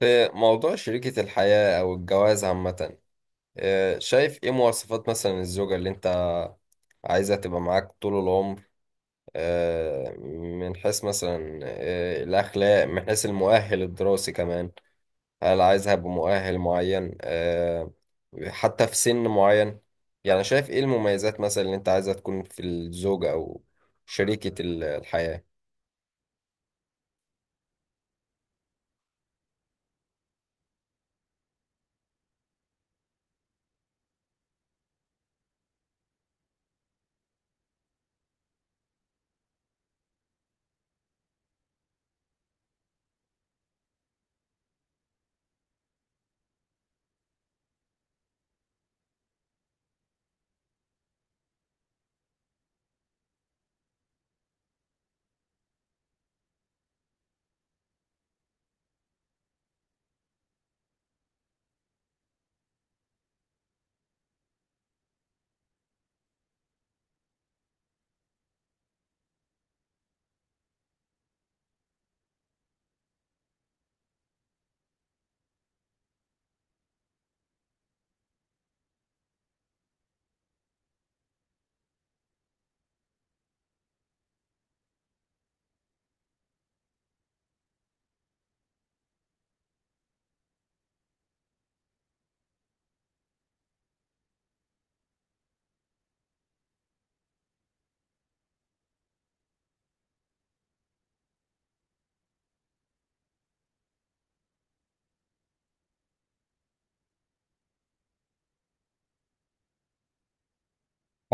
في موضوع شريكة الحياة أو الجواز عامة، شايف إيه مواصفات مثلا الزوجة اللي أنت عايزة تبقى معاك طول العمر؟ من حيث مثلا الأخلاق، من حيث المؤهل الدراسي كمان. هل عايزها بمؤهل معين حتى في سن معين؟ يعني شايف إيه المميزات مثلا اللي أنت عايزها تكون في الزوجة أو شريكة الحياة؟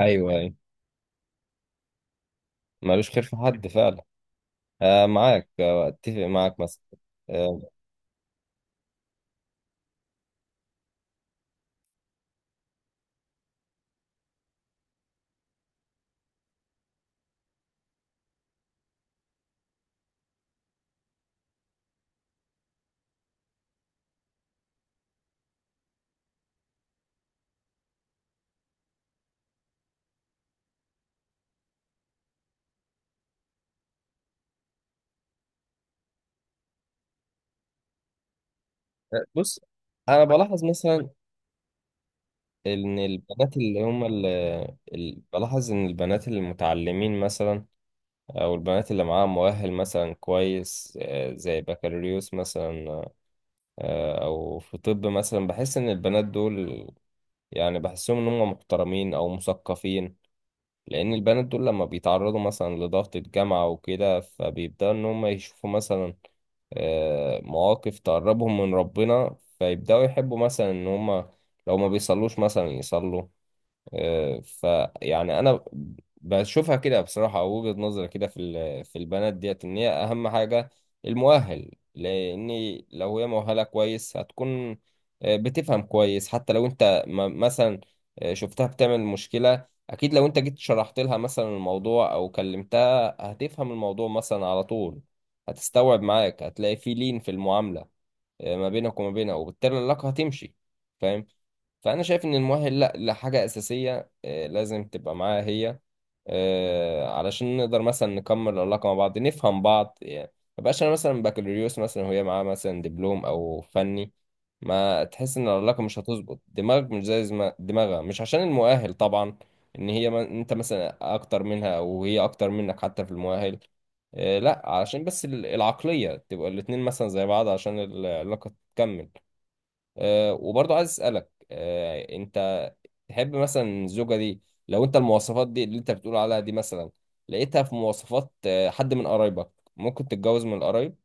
ايوه، ايوه. ملوش خير في حد فعلا. آه معاك، آه اتفق معاك مثلا. بص، انا بلاحظ مثلا ان البنات اللي بلاحظ ان البنات المتعلمين مثلا، او البنات اللي معاها مؤهل مثلا كويس، زي بكالوريوس مثلا، او في طب مثلا، بحس ان البنات دول، يعني بحسهم ان هم محترمين او مثقفين، لان البنات دول لما بيتعرضوا مثلا لضغط الجامعة وكده فبيبدأوا ان هم يشوفوا مثلا مواقف تقربهم من ربنا، فيبدأوا يحبوا مثلا ان هم لو ما بيصلوش مثلا يصلوا. فيعني انا بشوفها كده بصراحه، او وجهه نظري كده في البنات ديت، ان هي اهم حاجه المؤهل، لان لو هي مؤهله كويس هتكون بتفهم كويس. حتى لو انت مثلا شفتها بتعمل مشكله، اكيد لو انت جيت شرحت لها مثلا الموضوع او كلمتها هتفهم الموضوع مثلا على طول، هتستوعب معاك، هتلاقي في لين في المعامله ما بينك وما بينها، وبالتالي العلاقه هتمشي، فاهم؟ فانا شايف ان المؤهل لا لحاجه اساسيه، لازم تبقى معاها هي، علشان نقدر مثلا نكمل العلاقه مع بعض، نفهم بعض يعني. ما بقاش انا مثلا بكالوريوس مثلا وهي معاها مثلا دبلوم او فني، ما تحس ان العلاقه مش هتظبط. دماغك مش زي دماغها، مش عشان المؤهل طبعا ان هي ما انت مثلا اكتر منها او هي اكتر منك حتى في المؤهل، لا علشان بس العقليه تبقى الاتنين مثلا زي بعض عشان العلاقه تكمل. وبرضه عايز اسالك، انت تحب مثلا الزوجه دي؟ لو انت المواصفات دي اللي انت بتقول عليها دي مثلا لقيتها في مواصفات حد من قرايبك، ممكن تتجوز من القرايب؟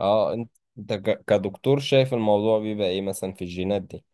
اه انت كدكتور شايف الموضوع بيبقى ايه مثلا في الجينات دي؟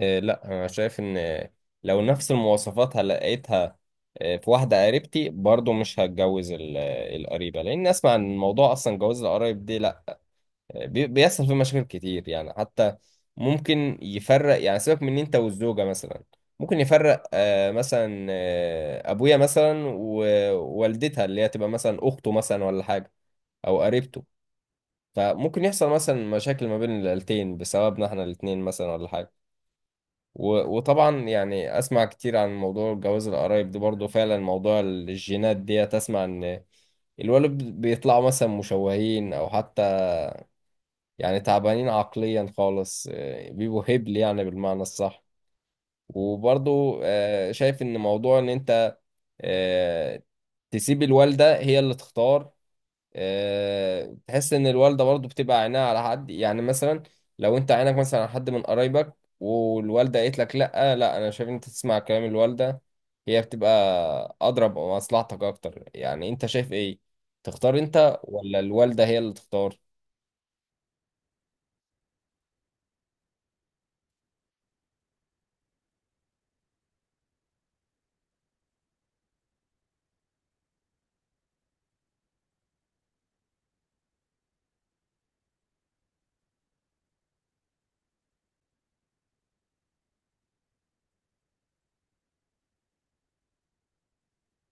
لا، انا شايف ان لو نفس المواصفات لقيتها في واحده قريبتي برضه، مش هتجوز القريبه، لان اسمع عن الموضوع اصلا. جواز القرايب دي لا، بيحصل فيه مشاكل كتير يعني. حتى ممكن يفرق، يعني سيبك من إن انت والزوجة مثلا ممكن يفرق مثلا ابويا مثلا ووالدتها اللي هي تبقى مثلا اخته مثلا ولا حاجة، او قريبته، فممكن يحصل مثلا مشاكل ما بين العيلتين بسببنا احنا الاتنين مثلا ولا حاجة. وطبعا يعني اسمع كتير عن موضوع جواز القرايب ده، برضو فعلا موضوع الجينات ديت، اسمع ان الولد بيطلعوا مثلا مشوهين او حتى يعني تعبانين عقليا خالص، بيبقوا هبل يعني بالمعنى الصح. وبرضو شايف ان موضوع ان انت آه، تسيب الوالدة هي اللي تختار، تحس ان الوالدة برضو بتبقى عينها على حد يعني. مثلا لو انت عينك مثلا على حد من قرايبك والوالدة قالت لك لا، لا، انا شايف ان انت تسمع كلام الوالدة، هي بتبقى اضرب مصلحتك اكتر، يعني انت شايف ايه؟ تختار انت ولا الوالدة هي اللي تختار؟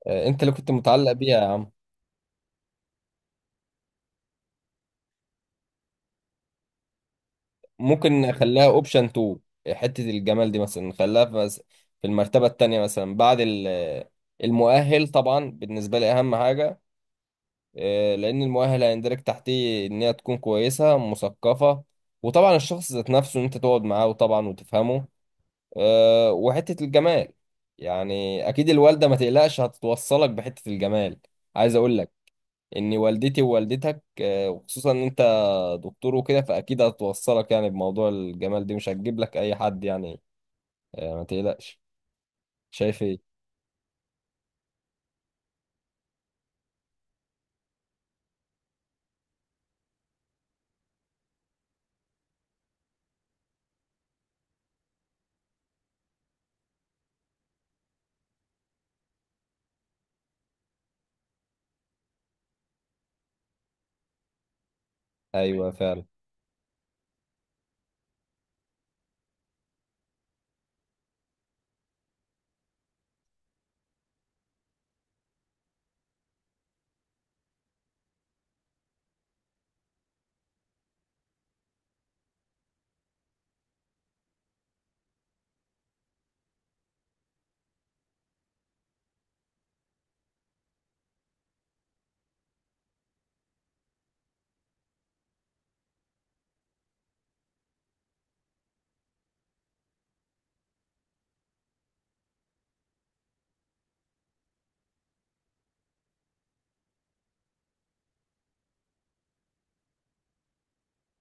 انت اللي كنت متعلق بيها يا عم. ممكن اخليها اوبشن 2. حتة الجمال دي مثلا نخليها في في المرتبة التانية مثلا بعد المؤهل طبعا بالنسبة لي، اهم حاجة لان المؤهل هيندرج تحتيه ان هي تكون كويسة مثقفة، وطبعا الشخص ذات نفسه ان انت تقعد معاه وطبعا وتفهمه. وحتة الجمال، يعني اكيد الوالدة ما تقلقش، هتتوصلك بحتة الجمال. عايز اقول لك ان والدتي ووالدتك وخصوصا ان انت دكتور وكده، فاكيد هتوصلك يعني بموضوع الجمال دي، مش هتجيب لك اي حد يعني، ما تقلقش. شايف ايه؟ ايوه فعلا.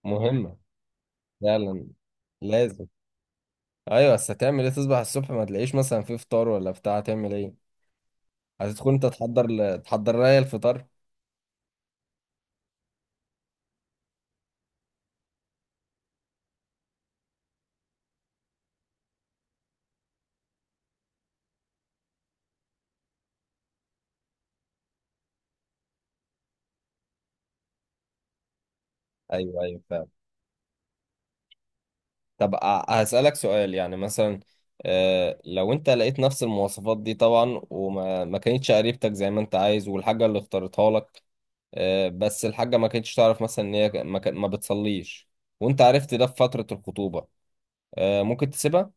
مهمة فعلا. لازم. ايوه، بس هتعمل ايه؟ تصبح الصبح ما تلاقيش مثلا في فطار ولا بتاع، هتعمل ايه؟ هتدخل انت تحضر تحضر لها الفطار. ايوه ايوه فعلا. طب هسألك سؤال، يعني مثلا آه لو انت لقيت نفس المواصفات دي طبعا، وما ما كانتش قريبتك زي ما انت عايز والحاجة اللي اختارتها لك، بس الحاجة ما كانتش تعرف مثلا ان هي ما بتصليش، وانت عرفت ده في فترة الخطوبة. ممكن تسيبها؟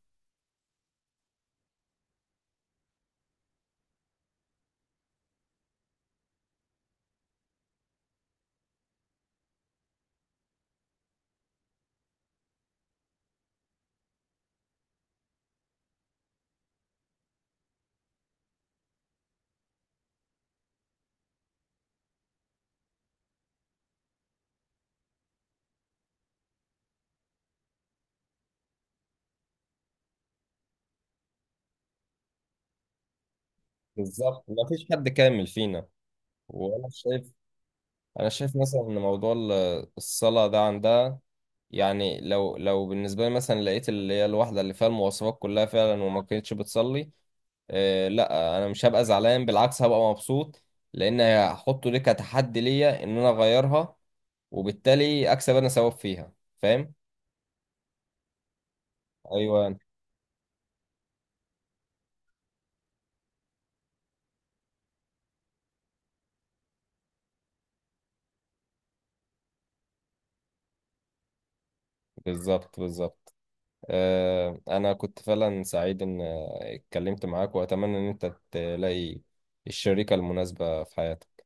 بالظبط، ما فيش حد كامل فينا. وانا شايف، انا شايف مثلا ان موضوع الصلاة ده عندها، يعني لو بالنسبة لي مثلا لقيت اللي هي الواحدة اللي فيها المواصفات كلها فعلا، وما كانتش بتصلي، لا، انا مش هبقى زعلان، بالعكس هبقى مبسوط، لان هحطه ليه كتحدي ليا ان انا اغيرها، وبالتالي اكسب انا ثواب فيها، فاهم؟ ايوه، بالظبط بالظبط. انا كنت فعلا سعيد ان اتكلمت معاك، واتمنى ان انت تلاقي الشريكة المناسبة في حياتك.